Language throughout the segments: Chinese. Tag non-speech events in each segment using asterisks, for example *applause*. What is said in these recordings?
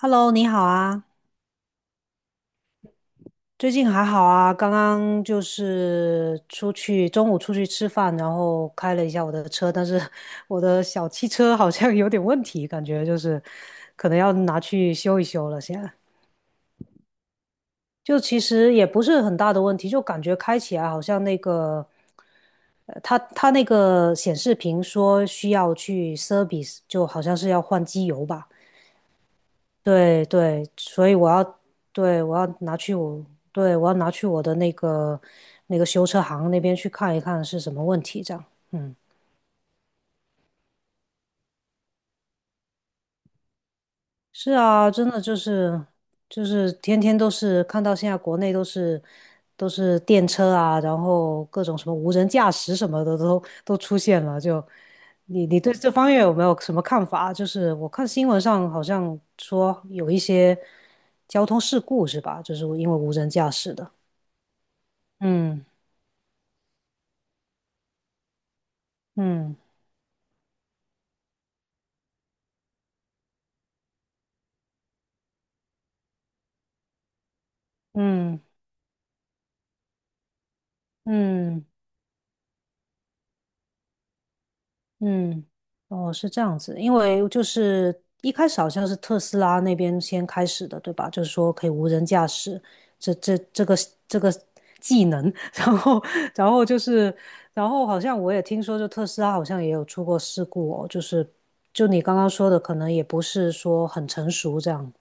Hello，你好啊，最近还好啊？刚刚就是出去，中午出去吃饭，然后开了一下我的车，但是 *laughs* 我的小汽车好像有点问题，感觉就是可能要拿去修一修了。现在就其实也不是很大的问题，就感觉开起来好像那个，它那个显示屏说需要去 service，就好像是要换机油吧。对对，所以我要，对，我要拿去我，对，我要拿去我的那个那个修车行那边去看一看是什么问题，这样。嗯，是啊，真的就是就是天天都是看到现在国内都是都是电车啊，然后各种什么无人驾驶什么的都出现了。就你对这方面有没有什么看法？就是我看新闻上好像说有一些交通事故是吧？就是因为无人驾驶的。嗯。嗯嗯嗯嗯，哦，是这样子，因为就是一开始好像是特斯拉那边先开始的，对吧？就是说可以无人驾驶，这这个技能，*laughs* 然后然后就是，然后好像我也听说，就特斯拉好像也有出过事故哦，就是就你刚刚说的，可能也不是说很成熟这样，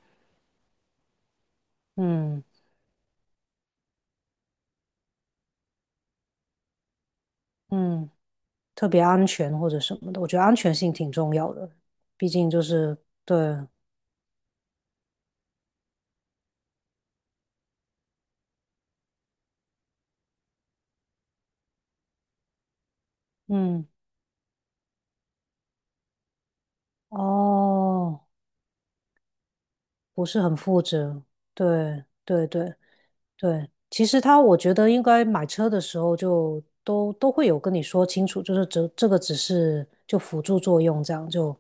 嗯嗯，特别安全或者什么的，我觉得安全性挺重要的，毕竟就是对，嗯。哦，不是很负责，对对对，对，其实他我觉得应该买车的时候就都会有跟你说清楚，就是这个只是就辅助作用这样就，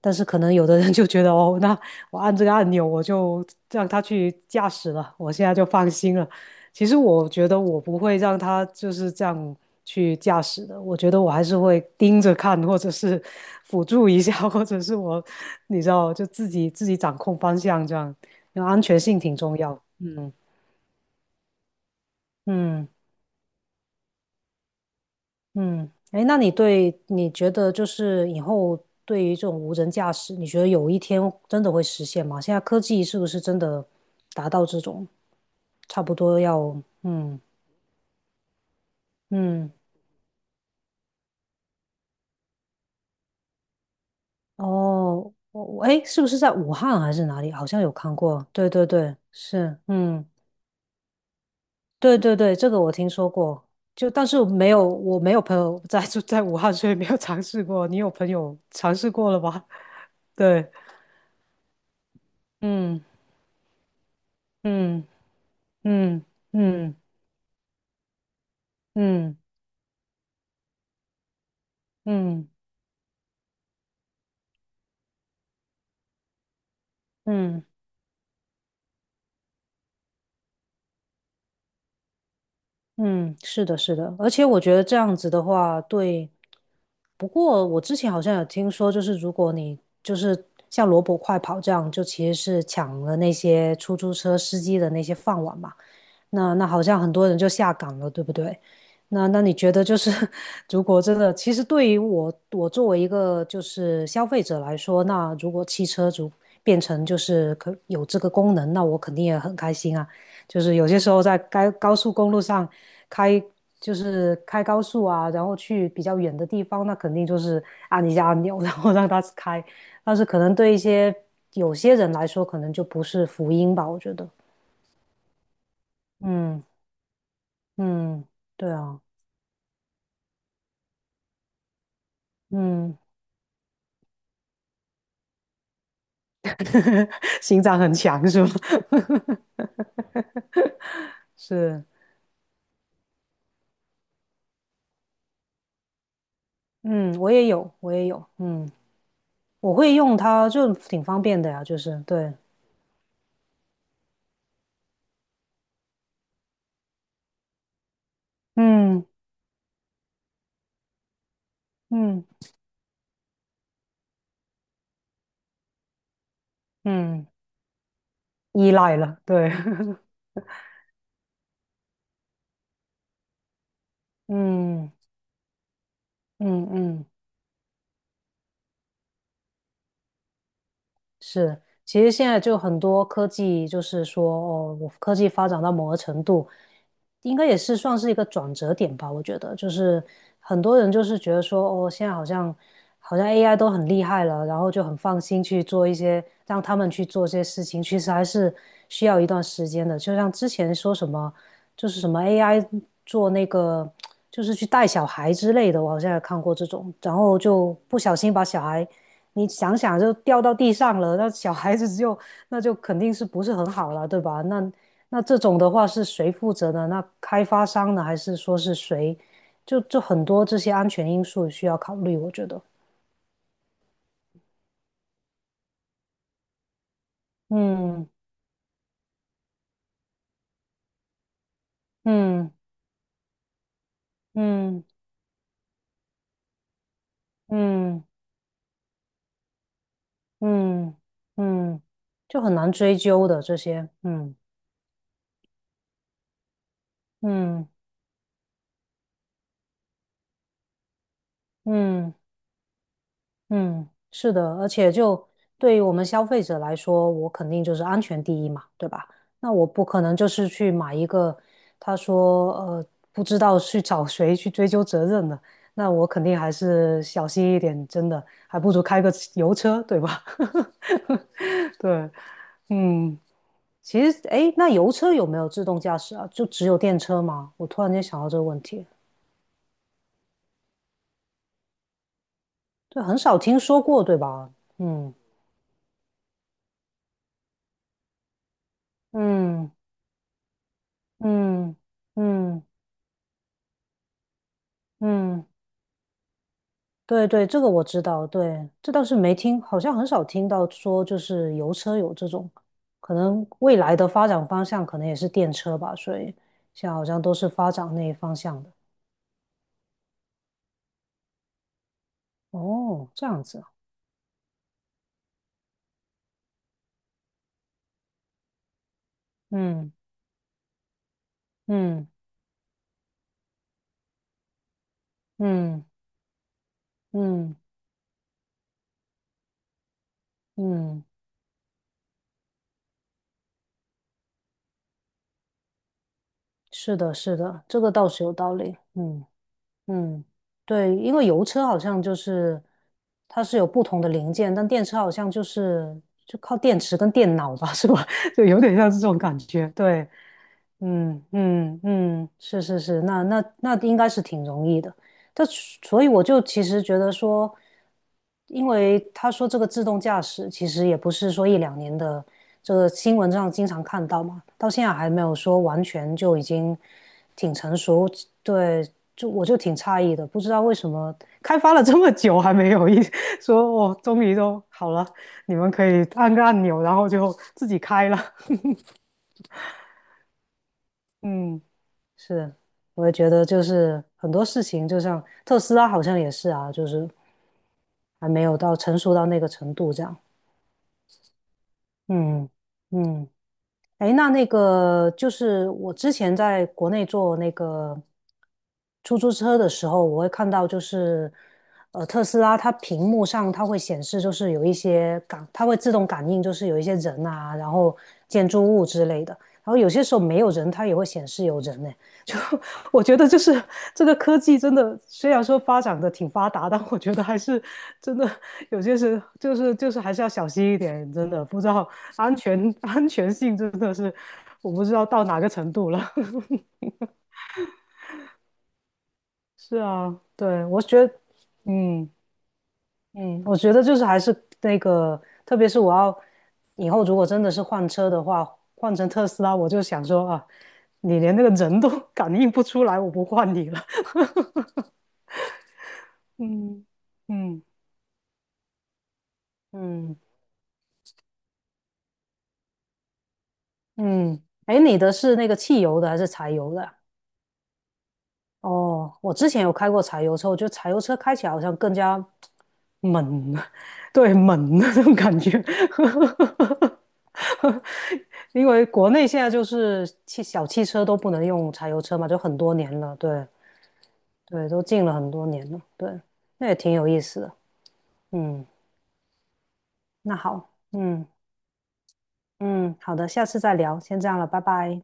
但是可能有的人就觉得哦，那我按这个按钮我就让他去驾驶了，我现在就放心了。其实我觉得我不会让他就是这样去驾驶的，我觉得我还是会盯着看，或者是 *laughs* 辅助一下，或者是我你知道就自己掌控方向这样，因为安全性挺重要。嗯嗯。嗯，哎，那你对你觉得就是以后对于这种无人驾驶，你觉得有一天真的会实现吗？现在科技是不是真的达到这种差不多要嗯嗯哦，我我哎，是不是在武汉还是哪里？好像有看过，对对对，是嗯对对对，这个我听说过，就但是没有我没有朋友在住在武汉，所以没有尝试过。你有朋友尝试过了吗？*laughs* 对，嗯嗯嗯嗯。嗯嗯嗯嗯，是的，是的，而且我觉得这样子的话，对。不过我之前好像有听说，就是如果你就是像萝卜快跑这样，就其实是抢了那些出租车司机的那些饭碗嘛。那那好像很多人就下岗了，对不对？那那你觉得就是，*laughs* 如果真的，其实对于我作为一个就是消费者来说，那如果汽车主变成就是可有这个功能，那我肯定也很开心啊。就是有些时候在该高速公路上开，就是开高速啊，然后去比较远的地方，那肯定就是按一下按钮，*laughs* 然后让它开。但是可能对一些有些人来说，可能就不是福音吧，我觉得。嗯。嗯，对啊，嗯，*laughs* 心脏很强是吗？*laughs* 是，嗯，我也有，我也有，嗯，我会用它，就挺方便的呀，就是对，嗯嗯嗯，依赖了，对，*laughs* 嗯嗯嗯，是，其实现在就很多科技，就是说，哦，我科技发展到某个程度，应该也是算是一个转折点吧。我觉得，就是很多人就是觉得说，哦，现在好像好像 AI 都很厉害了，然后就很放心去做一些，让他们去做这些事情，其实还是需要一段时间的。就像之前说什么，就是什么 AI 做那个，就是去带小孩之类的，我好像也看过这种，然后就不小心把小孩。你想想就掉到地上了，那小孩子就那就肯定是不是很好了，对吧？那那这种的话是谁负责呢？那开发商呢？还是说是谁？就很多这些安全因素需要考虑，我觉得。嗯嗯嗯嗯嗯嗯，嗯就很难追究的这些。嗯嗯嗯嗯，是的，而且就对于我们消费者来说，我肯定就是安全第一嘛，对吧？那我不可能就是去买一个，他说不知道去找谁去追究责任的，那我肯定还是小心一点，真的，还不如开个油车，对吧？*laughs* 对，嗯，其实诶，那油车有没有自动驾驶啊？就只有电车吗？我突然间想到这个问题，对，很少听说过，对吧？嗯嗯嗯嗯嗯。嗯对对，这个我知道，对，这倒是没听，好像很少听到说就是油车有这种，可能未来的发展方向可能也是电车吧，所以现在好像都是发展那一方向的。哦，这样子啊嗯嗯嗯嗯嗯，是的，是的，这个倒是有道理，嗯。嗯，对，因为油车好像就是它是有不同的零件，但电车好像就是就靠电池跟电脑吧，是吧？*laughs* 就有点像这种感觉。对，嗯嗯嗯，是是是，那那应该是挺容易的。但所以我就其实觉得说，因为他说这个自动驾驶其实也不是说一两年的，这个新闻上经常看到嘛，到现在还没有说完全就已经挺成熟。对，就我就挺诧异的，不知道为什么开发了这么久还没有一 *laughs* 说哦，终于都好了，你们可以按个按钮，然后就自己开了。*laughs* 嗯是，我也觉得就是很多事情，就像特斯拉好像也是啊，就是还没有到成熟到那个程度这样。嗯嗯，哎，那那个就是我之前在国内坐那个出租车的时候，我会看到就是特斯拉它屏幕上它会显示就是有一些感，它会自动感应就是有一些人啊，然后建筑物之类的，然后有些时候没有人，它也会显示有人我觉得就是这个科技真的，虽然说发展的挺发达，但我觉得还是真的有些事就是还是要小心一点，真的不知道安全 *laughs* 安全性真的是我不知道到哪个程度了。*laughs* 是啊，对，我觉得，嗯嗯，我觉得就是还是那个，特别是我要以后如果真的是换车的话，换成特斯拉，我就想说啊，你连那个人都 *laughs* 感应不出来，我不换你了。*laughs* 嗯嗯嗯。嗯，哎，你的是那个汽油的还是柴油的啊哦，我之前有开过柴油车，我觉得柴油车开起来好像更加猛，*laughs* 对，猛的那种感觉。*laughs* 因为国内现在就是汽小汽车都不能用柴油车嘛，就很多年了，对对，都禁了很多年了，对，那也挺有意思的。嗯，那好，嗯嗯，好的，下次再聊，先这样了，拜拜。